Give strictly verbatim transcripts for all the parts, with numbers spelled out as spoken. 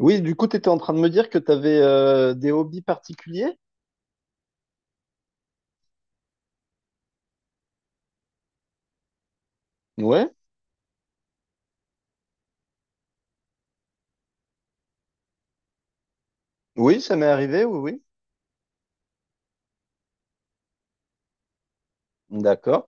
Oui, du coup, tu étais en train de me dire que tu avais des hobbies particuliers? Ouais. Oui, ça m'est arrivé, oui, oui. D'accord.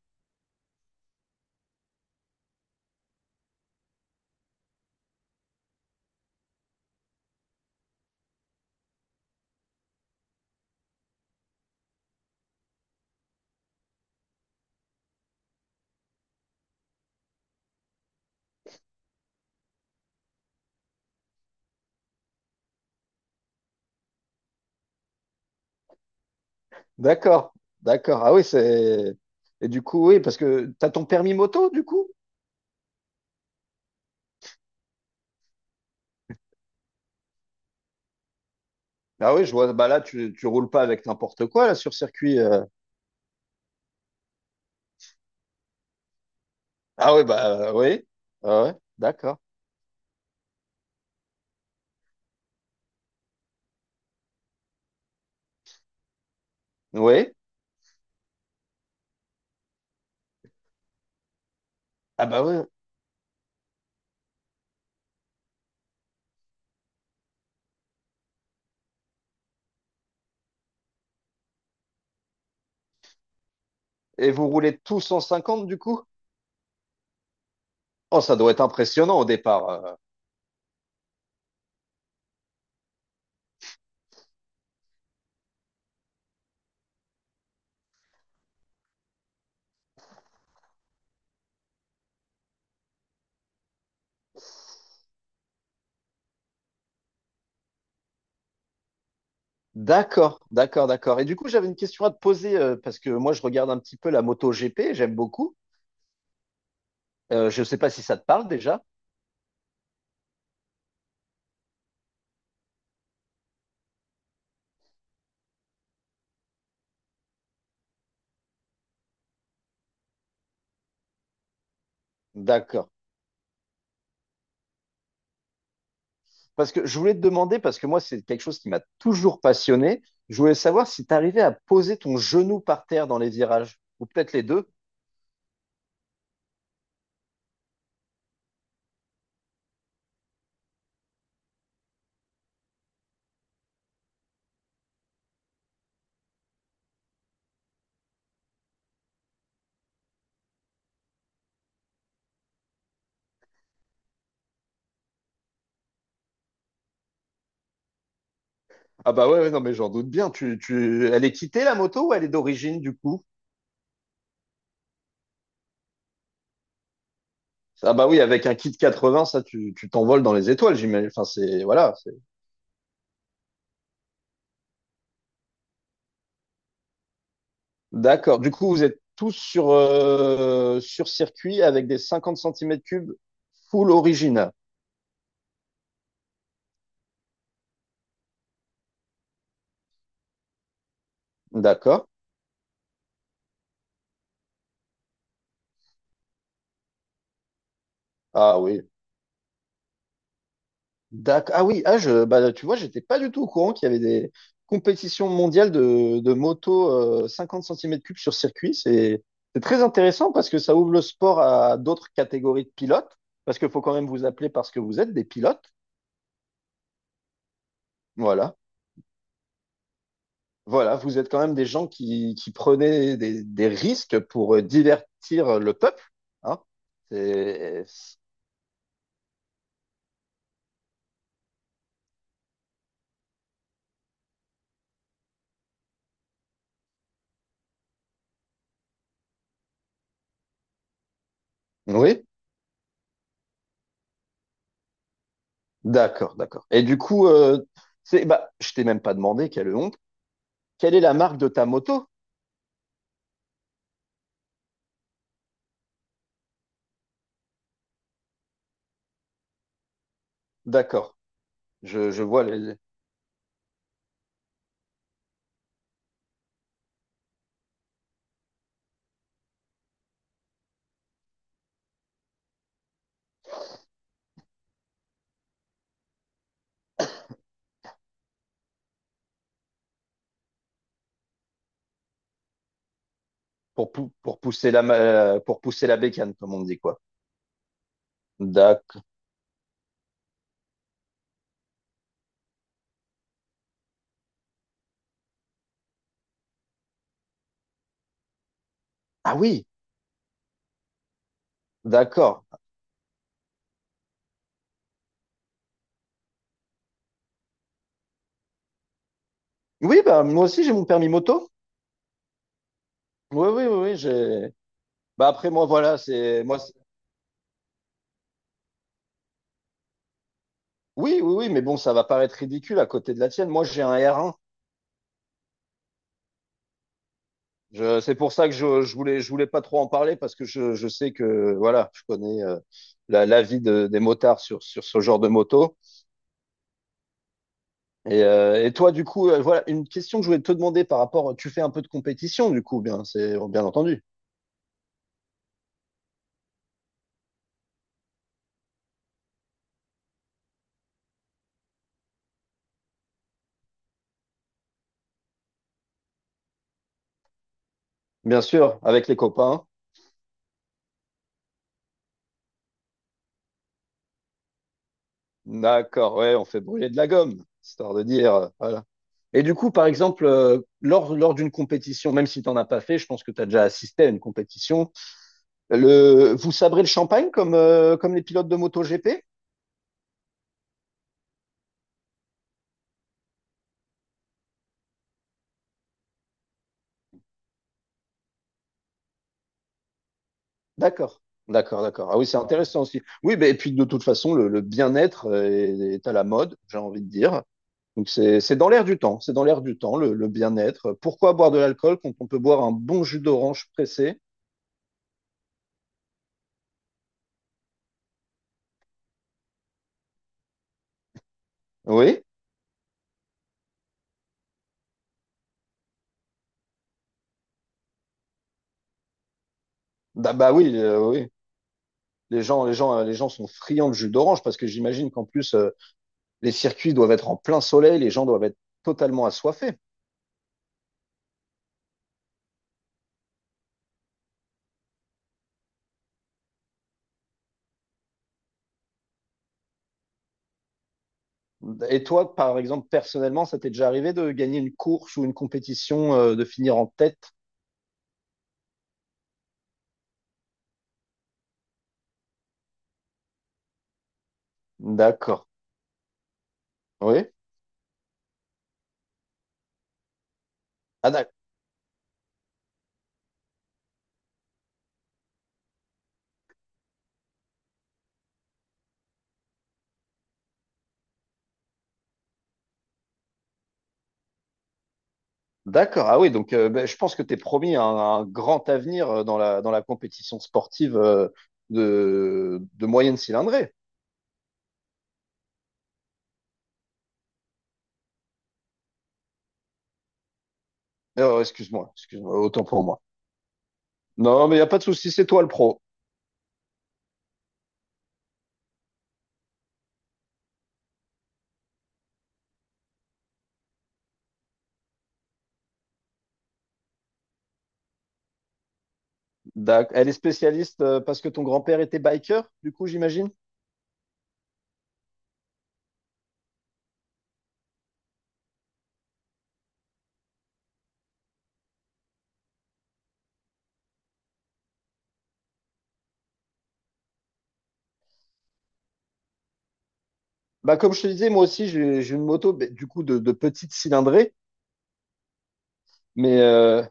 D'accord. D'accord. Ah oui, c'est. Et du coup, oui, parce que tu as ton permis moto, du coup? Ah oui, je vois, bah là, tu, tu roules pas avec n'importe quoi, là, sur circuit. euh. Ah oui, bah euh, oui. Ah ouais, d'accord. Oui. Ah bah oui. Et vous roulez tous cent cinquante, du coup? Oh, ça doit être impressionnant au départ. euh. D'accord, d'accord, d'accord. Et du coup, j'avais une question à te poser, euh, parce que moi, je regarde un petit peu la moto G P, j'aime beaucoup. Euh, je ne sais pas si ça te parle déjà. D'accord. Parce que je voulais te demander, parce que moi, c'est quelque chose qui m'a toujours passionné. Je voulais savoir si tu arrivais à poser ton genou par terre dans les virages, ou peut-être les deux. Ah bah ouais, ouais, non, mais j'en doute bien. Tu, tu... Elle est quittée, la moto, ou elle est d'origine, du coup? Ah bah oui, avec un kit quatre-vingts, ça, tu, tu t'envoles dans les étoiles, j'imagine. Enfin, c'est, voilà. c'est- D'accord. Du coup, vous êtes tous sur, euh, sur circuit avec des cinquante centimètres cubes full original. D'accord. Ah oui. D'ac- Ah oui, ah je, bah, tu vois, j'étais pas du tout au courant qu'il y avait des compétitions mondiales de, de moto euh, cinquante centimètres cubes sur circuit. C'est c'est très intéressant parce que ça ouvre le sport à d'autres catégories de pilotes, parce qu'il faut quand même vous appeler parce que vous êtes des pilotes. Voilà, voilà, vous êtes quand même des gens qui, qui prenaient des, des risques pour euh, divertir le peuple. Hein. C'est- Oui, d'accord, d'accord. Et du coup, euh, c'est, bah, je t'ai même pas demandé, quelle honte, quelle est la marque de ta moto? D'accord. Je, je vois les- pour, pou- pour pousser la, ma- euh, pour pousser la bécane, comme on dit, quoi. D'accord. Ah oui, d'accord. Oui, bah, moi aussi, j'ai mon permis moto. Oui, oui, oui, oui, j'ai. Bah, après, moi, voilà, c'est. Moi, c'est- oui, oui, oui, mais bon, ça va paraître ridicule à côté de la tienne. Moi, j'ai un R un. Je, c'est pour ça que je, je voulais, je voulais pas trop en parler parce que je, je sais que, voilà, je connais euh, la, la vie de- des motards sur, sur ce genre de moto. Et, euh, et toi, du coup, euh, voilà une question que je voulais te demander par rapport. Tu fais un peu de compétition, du coup, bien, c'est bien entendu. Bien sûr, avec les copains. D'accord, ouais, on fait brûler de la gomme, histoire de dire. euh, voilà. Et du coup, par exemple, euh, lors, lors d'une compétition, même si tu n'en as pas fait, je pense que tu as déjà assisté à une compétition, le, vous sabrez le champagne comme, euh, comme les pilotes de MotoGP? D'accord, d'accord, d'accord. Ah oui, c'est intéressant aussi. Oui, mais, et puis de toute façon, le, le bien-être euh, est, est à la mode, j'ai envie de dire. Donc c'est c'est dans l'air du temps, c'est dans l'air du temps, le, le bien-être. Pourquoi boire de l'alcool quand on peut boire un bon jus d'orange pressé? Oui, bah, bah oui, euh, oui. Les gens, les gens, euh, les gens sont friands de jus d'orange parce que j'imagine qu'en plus euh, les circuits doivent être en plein soleil, les gens doivent être totalement assoiffés. Et toi, par exemple, personnellement, ça t'est déjà arrivé de gagner une course ou une compétition, euh, de finir en tête? D'accord. Oui. Ah, d'accord. Ah oui, donc euh, ben, je pense que tu es promis un, un grand avenir euh, dans la, dans la compétition sportive euh, de, de moyenne cylindrée. Euh, excuse-moi, excuse-moi, autant pour moi. Non, mais il n'y a pas de souci, c'est toi le pro. D'ac- Elle est spécialiste euh, parce que ton grand-père était biker, du coup, j'imagine. Bah, comme je te disais, moi aussi, j'ai j'ai une moto, ben, du coup, de, de petite cylindrée. Mais euh,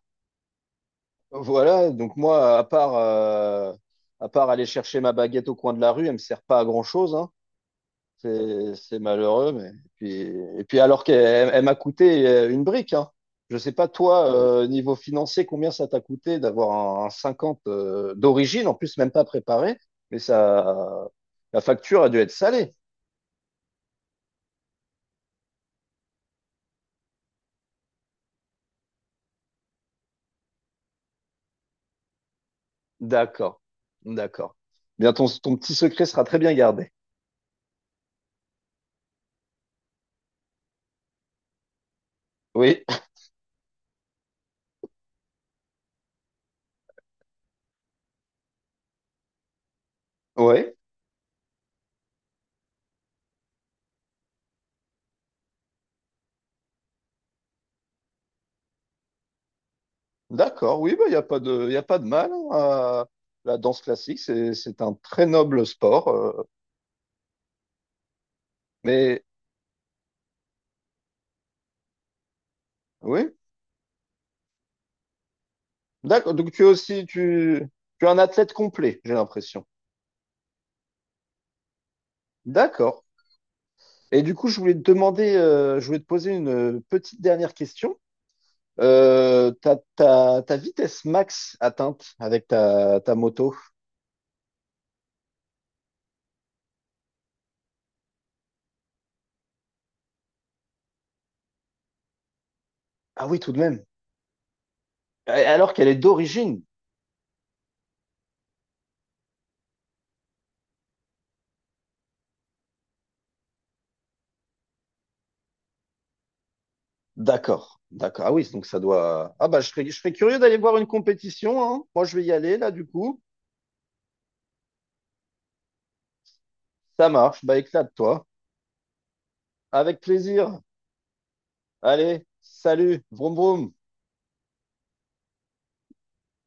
voilà, donc moi, à part, euh, à part aller chercher ma baguette au coin de la rue, elle me sert pas à grand-chose, hein. C'est c'est malheureux, mais et puis, et puis, alors qu'elle elle m'a coûté euh, une brique, hein. Je sais pas toi, euh, niveau financier, combien ça t'a coûté d'avoir un, un, cinquante euh, d'origine, en plus même pas préparé, mais ça, la facture a dû être salée. D'accord, d'accord. Bien, ton, ton petit secret sera très bien gardé. Oui, oui, d'accord, oui, bah il y a pas de, y a pas de mal hein, à la danse classique, c'est c'est un très noble sport, euh, mais oui. D'accord. Donc tu es aussi tu, tu es un athlète complet, j'ai l'impression. D'accord. Et du coup, je voulais te demander, euh, je voulais te poser une petite dernière question. Euh, ta, ta, ta vitesse max atteinte avec ta, ta moto. Ah oui, tout de même. Euh, Alors qu'elle est d'origine. D'accord. D'accord. Ah oui, donc ça doit. Ah bah je serais, je serais curieux d'aller voir une compétition, hein. Moi, je vais y aller là du coup. Ça marche. Bah éclate-toi. Avec plaisir. Allez, salut. Vroom vroom.